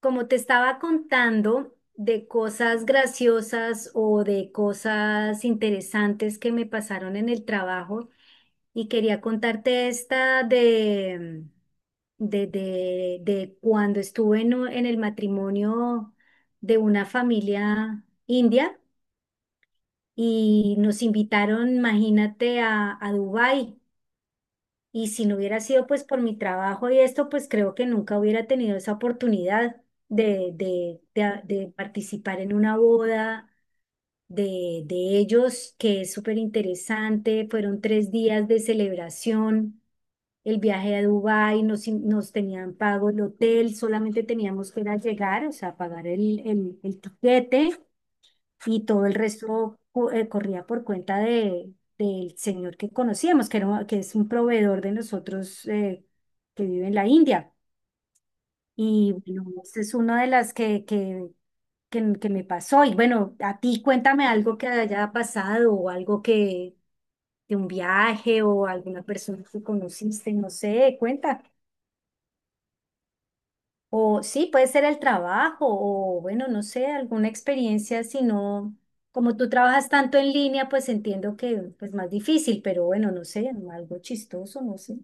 Como te estaba contando de cosas graciosas o de cosas interesantes que me pasaron en el trabajo y quería contarte esta de cuando estuve en, en el matrimonio de una familia india y nos invitaron, imagínate, a Dubái. Y si no hubiera sido pues por mi trabajo y esto, pues creo que nunca hubiera tenido esa oportunidad de participar en una boda de ellos, que es súper interesante. Fueron tres días de celebración, el viaje a Dubái, nos, nos tenían pago el hotel, solamente teníamos que ir a llegar, o sea, pagar el tiquete y todo el resto corría por cuenta de, del señor que conocíamos, que, era, que es un proveedor de nosotros que vive en la India. Y bueno, esa es una de las que me pasó. Y bueno, a ti cuéntame algo que haya pasado o algo que de un viaje o alguna persona que conociste, no sé, cuenta. O sí, puede ser el trabajo, o bueno, no sé, alguna experiencia, si no, como tú trabajas tanto en línea, pues entiendo que es más difícil, pero bueno, no sé, algo chistoso, no sé.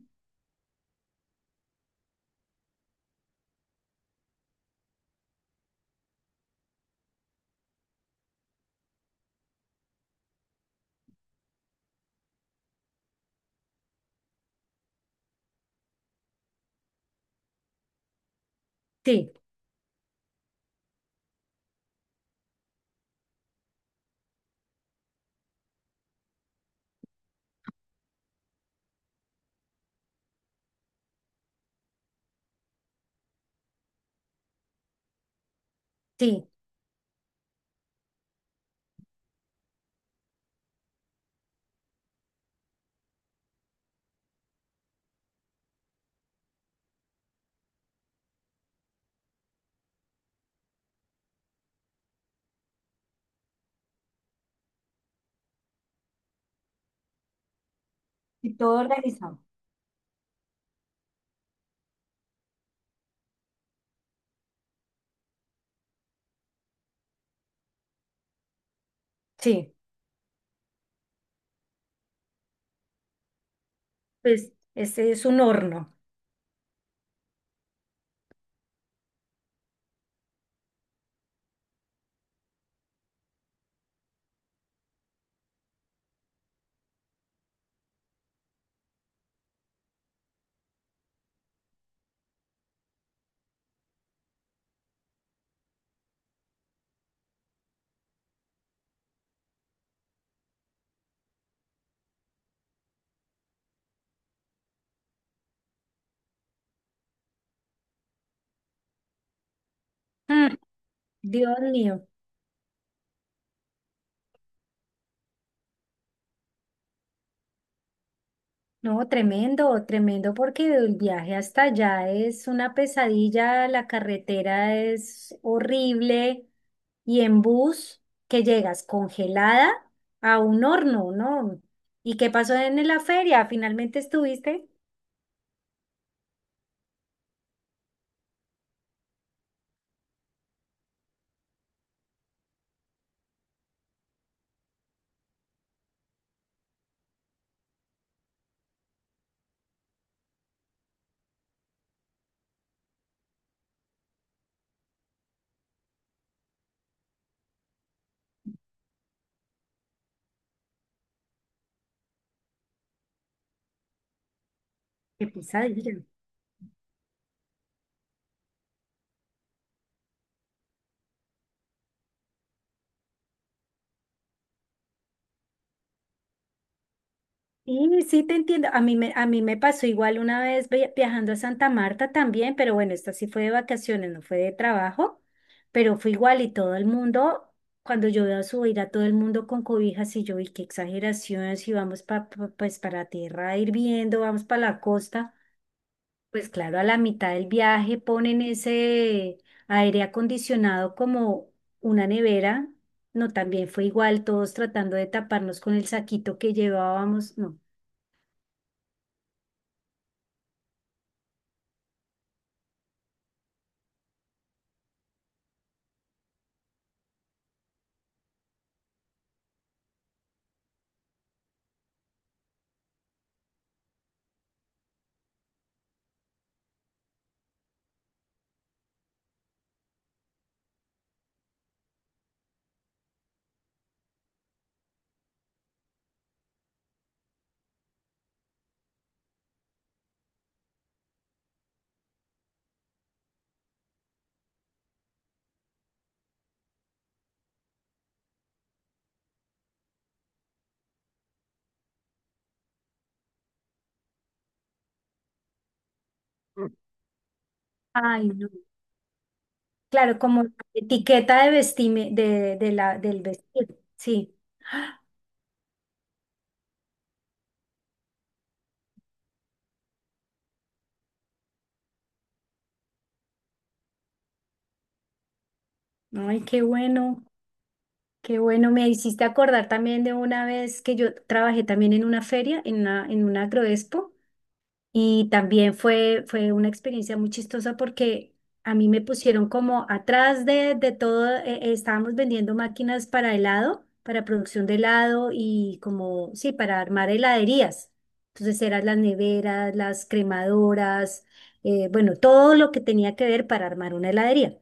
Sí, sí. Y todo organizado. Sí, pues ese es un horno. Mm, Dios mío. No, tremendo, tremendo, porque el viaje hasta allá es una pesadilla, la carretera es horrible y en bus que llegas congelada a un horno, ¿no? ¿Y qué pasó en la feria? ¿Finalmente estuviste? Qué pesadilla. Sí, sí te entiendo. A mí me pasó igual una vez viajando a Santa Marta también, pero bueno, esta sí fue de vacaciones, no fue de trabajo, pero fue igual y todo el mundo, cuando yo veo subir a todo el mundo con cobijas y yo vi qué exageración, si vamos pues para tierra hirviendo, vamos para la costa, pues claro, a la mitad del viaje ponen ese aire acondicionado como una nevera. No, también fue igual, todos tratando de taparnos con el saquito que llevábamos. No. Ay, no. Claro, como la etiqueta de de la, del vestir. Sí. Ay, qué bueno, qué bueno. Me hiciste acordar también de una vez que yo trabajé también en una feria, en una agroexpo. Y también fue, fue una experiencia muy chistosa porque a mí me pusieron como atrás de todo, estábamos vendiendo máquinas para helado, para producción de helado y como, sí, para armar heladerías. Entonces eran las neveras, las cremadoras, bueno, todo lo que tenía que ver para armar una heladería.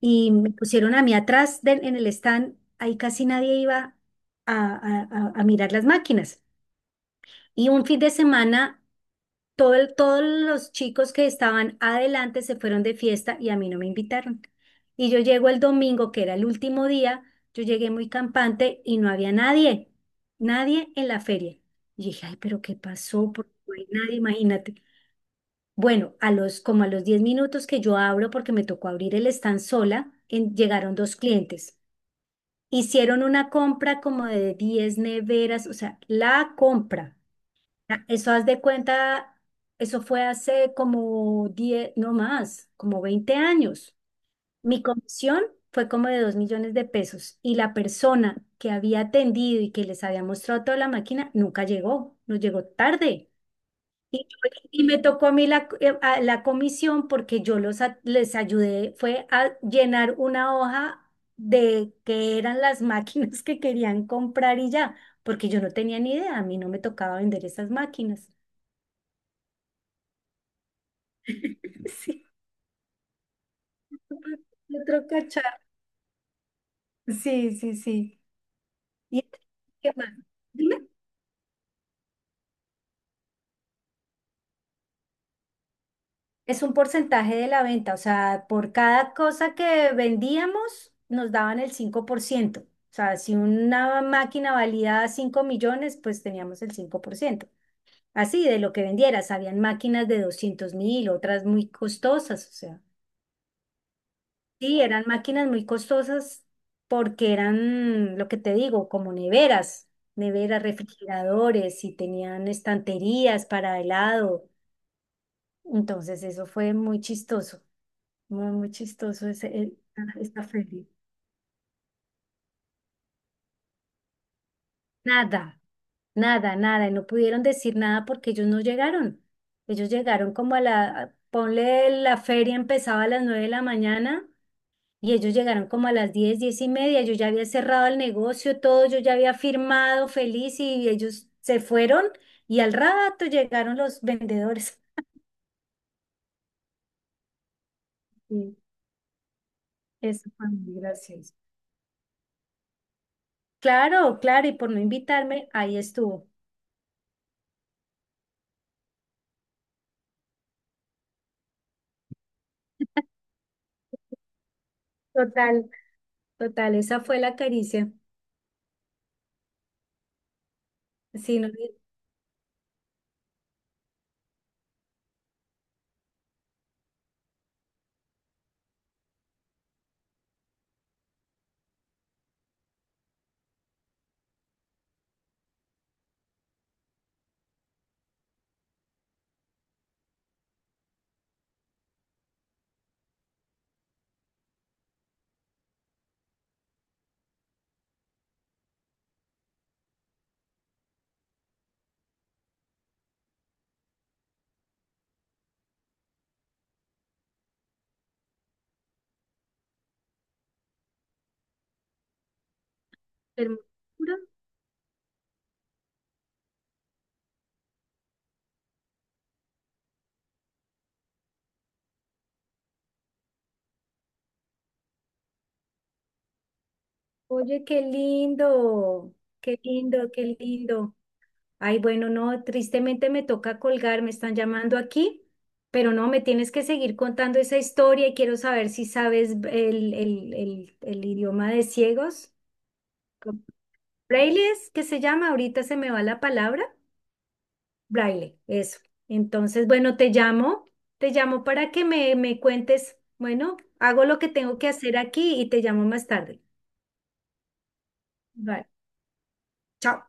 Y me pusieron a mí atrás en el stand, ahí casi nadie iba a, a mirar las máquinas. Y un fin de semana... Todos los chicos que estaban adelante se fueron de fiesta y a mí no me invitaron. Y yo llego el domingo, que era el último día, yo llegué muy campante y no había nadie, nadie en la feria. Y dije, ay, pero ¿qué pasó? ¿Por qué no hay nadie? Imagínate. Bueno, a los, como a los 10 minutos que yo abro, porque me tocó abrir el stand sola, llegaron dos clientes. Hicieron una compra como de 10 neveras, o sea, la compra. Ah, eso haz de cuenta, eso fue hace como 10 no más, como 20 años. Mi comisión fue como de $2.000.000 y la persona que había atendido y que les había mostrado toda la máquina nunca llegó, nos llegó tarde. Y y me tocó a mí la comisión porque yo los, les ayudé, fue a llenar una hoja de qué eran las máquinas que querían comprar y ya, porque yo no tenía ni idea, a mí no me tocaba vender esas máquinas. Sí, otro cacharro. Sí, sí, sí. ¿Y qué más? Dime. Es un porcentaje de la venta, o sea, por cada cosa que vendíamos nos daban el 5%. O sea, si una máquina valía 5.000.000, pues teníamos el 5%. Así, de lo que vendieras, habían máquinas de 200.000, otras muy costosas, o sea. Sí, eran máquinas muy costosas porque eran, lo que te digo, como neveras, neveras, refrigeradores y tenían estanterías para helado. Entonces eso fue muy chistoso, muy, muy chistoso ese, esta feria. Nada, nada, nada. Y no pudieron decir nada porque ellos no llegaron. Ellos llegaron como a la, ponle la feria empezaba a las 9 de la mañana. Y ellos llegaron como a las 10, 10 y media, yo ya había cerrado el negocio, todo, yo ya había firmado feliz y ellos se fueron y al rato llegaron los vendedores. Sí, eso fue muy gracioso. Claro, claro, y por no invitarme, ahí estuvo. Total, total, esa fue la caricia. Sí, no, hermosura. Oye, qué lindo, qué lindo, qué lindo. Ay, bueno, no, tristemente me toca colgar, me están llamando aquí, pero no, me tienes que seguir contando esa historia y quiero saber si sabes el idioma de ciegos. Braille es que se llama, ahorita se me va la palabra, braille, eso. Entonces, bueno, te llamo para que me cuentes, bueno, hago lo que tengo que hacer aquí y te llamo más tarde. Vale, chao.